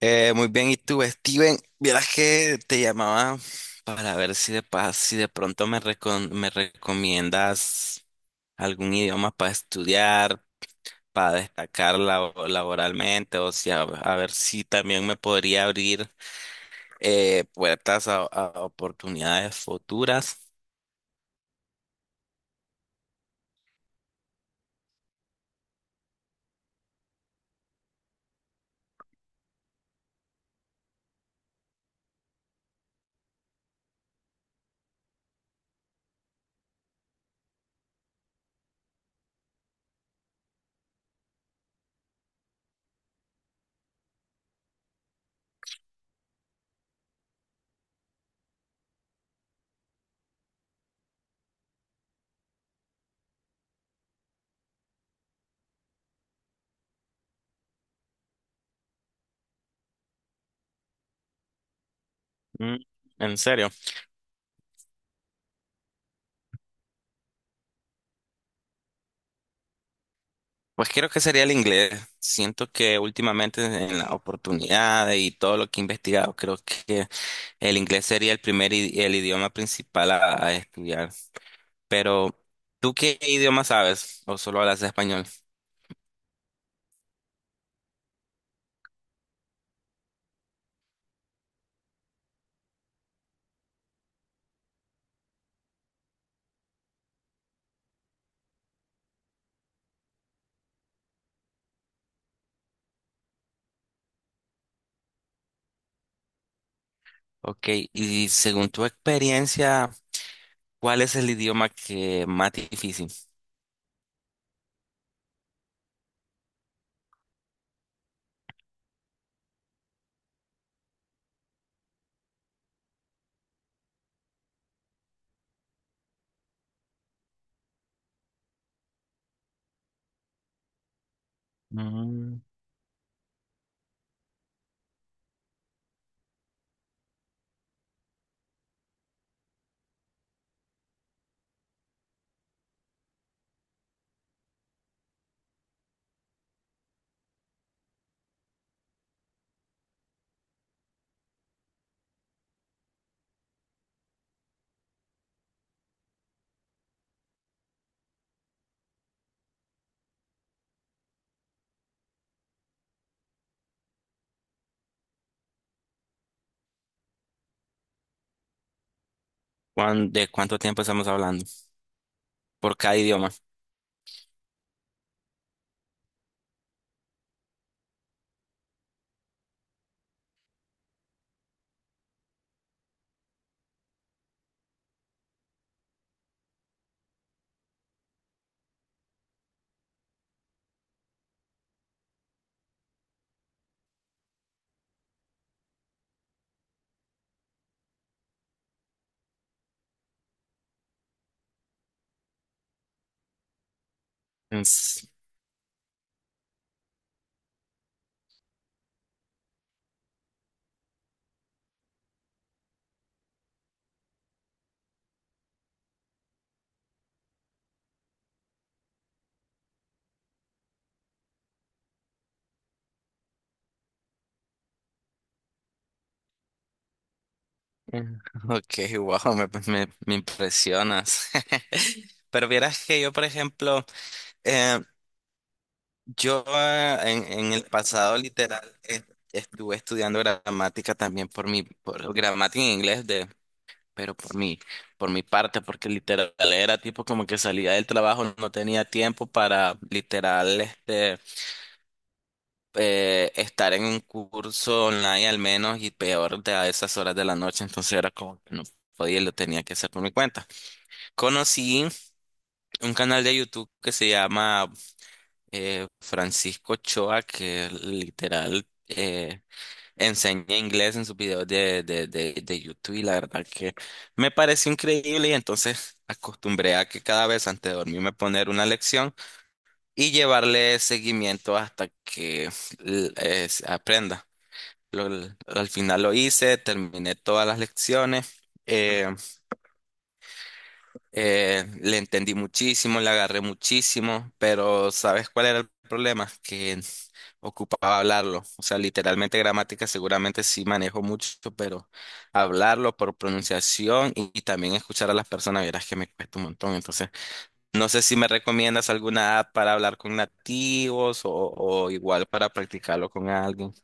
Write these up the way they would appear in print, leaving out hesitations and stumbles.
Muy bien, ¿y tú, Steven? Vieras que te llamaba para ver si de pronto me recomiendas algún idioma para estudiar, para destacar laboralmente, o sea, a ver si también me podría abrir puertas a oportunidades futuras. Mm, ¿En serio? Pues creo que sería el inglés. Siento que últimamente en las oportunidades y todo lo que he investigado, creo que el inglés sería el idioma principal a estudiar. Pero, ¿tú qué idioma sabes? ¿O solo hablas español? Ok, y según tu experiencia, ¿cuál es el idioma que más difícil? ¿De cuánto tiempo estamos hablando por cada idioma? Mm, s- mm, Ok, wow, me impresionas. Pero vieras que yo, por ejemplo, yo en el pasado literal, estuve estudiando gramática también por mi, por gramática en inglés pero por mi parte, porque literal era tipo como que salía del trabajo, no tenía tiempo para literal estar en un curso online al menos y peor de a esas horas de la noche, entonces era como que no podía, y lo tenía que hacer por mi cuenta. Conocí un canal de YouTube que se llama Francisco Ochoa, que literal enseña inglés en sus videos de YouTube, y la verdad que me pareció increíble, y entonces acostumbré a que cada vez antes de dormirme poner una lección y llevarle seguimiento hasta que se aprenda. Al final lo hice, terminé todas las lecciones. eh, Le entendí muchísimo, le agarré muchísimo, pero ¿sabes cuál era el problema? Que ocupaba hablarlo. O sea, literalmente gramática seguramente sí manejo mucho, pero hablarlo por pronunciación y también escuchar a las personas, verás que me cuesta un montón. Entonces, no sé si me recomiendas alguna app para hablar con nativos o igual para practicarlo con alguien.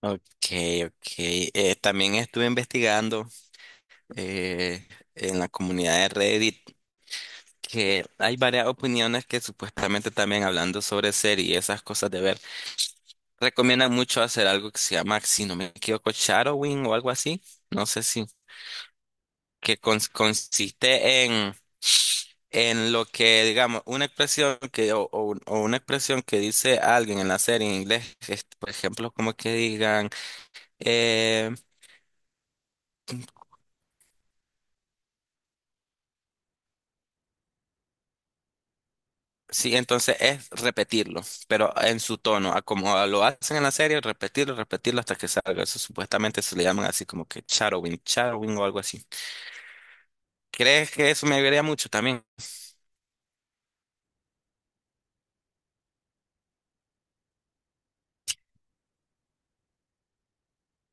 Ok, ok. También estuve investigando, eh, en la comunidad de Reddit, que hay varias opiniones que supuestamente también hablando sobre series y esas cosas de ver, recomiendan mucho hacer algo que se llama, si no me equivoco, shadowing o algo así, no sé si, consiste en lo que, digamos, una expresión que, o una expresión que dice alguien en la serie en inglés, es, por ejemplo, como que digan, eh, sí, entonces es repetirlo, pero en su tono, a como lo hacen en la serie, repetirlo, repetirlo hasta que salga. Eso supuestamente se le llaman así como que shadowing, shadowing o algo así. ¿Crees que eso me ayudaría mucho también?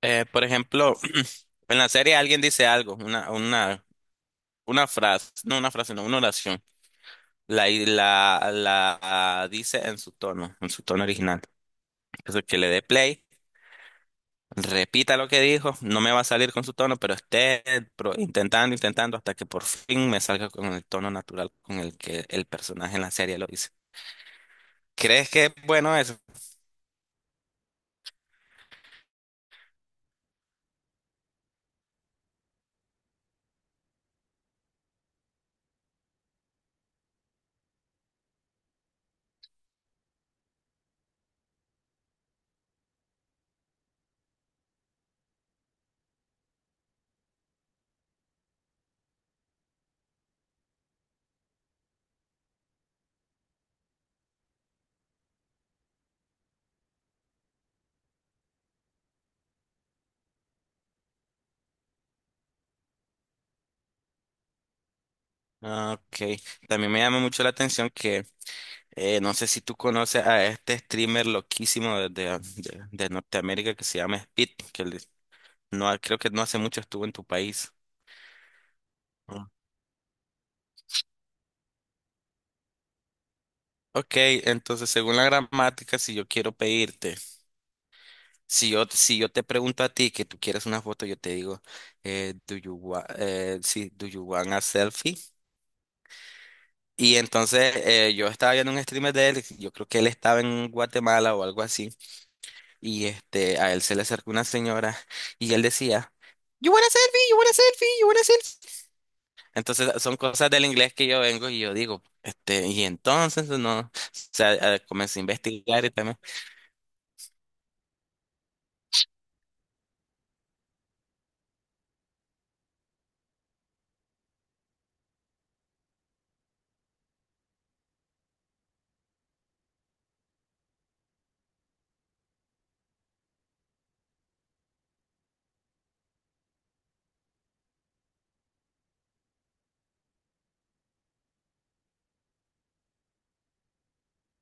Por ejemplo, en la serie alguien dice algo, una frase, no una frase, no, una oración. La dice en su tono original. Entonces que le dé play, repita lo que dijo, no me va a salir con su tono, pero esté intentando hasta que por fin me salga con el tono natural con el que el personaje en la serie lo dice. ¿Crees que es bueno eso? Ah, ok, también me llama mucho la atención que no sé si tú conoces a este streamer loquísimo de Norteamérica que se llama Speed, que no, creo que no hace mucho estuvo en tu país. Ah. Ok, entonces según la gramática, si yo quiero pedirte, si yo te pregunto a ti que tú quieres una foto, yo te digo, eh, do you want, do you want a selfie? Y entonces yo estaba viendo un streamer de él, yo creo que él estaba en Guatemala o algo así, y este, a él se le acercó una señora y él decía, you want a selfie, you want a selfie, you want a selfie. Entonces son cosas del inglés que yo vengo y yo digo, este, y entonces no, o sea, comencé a investigar y también.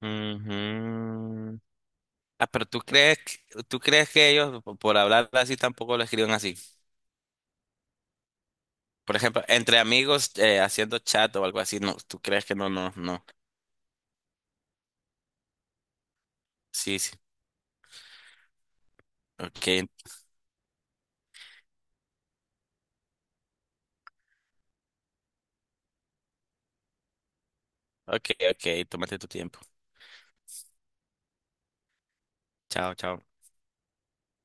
Ujú. Ah, pero tú crees, tú crees que ellos por hablar así tampoco lo escriben así. Por ejemplo, entre amigos, haciendo chat o algo así, no, tú crees que no, no, no. Sí, sí. Ok, ok, ok, tómate tu tiempo. Chao, chao.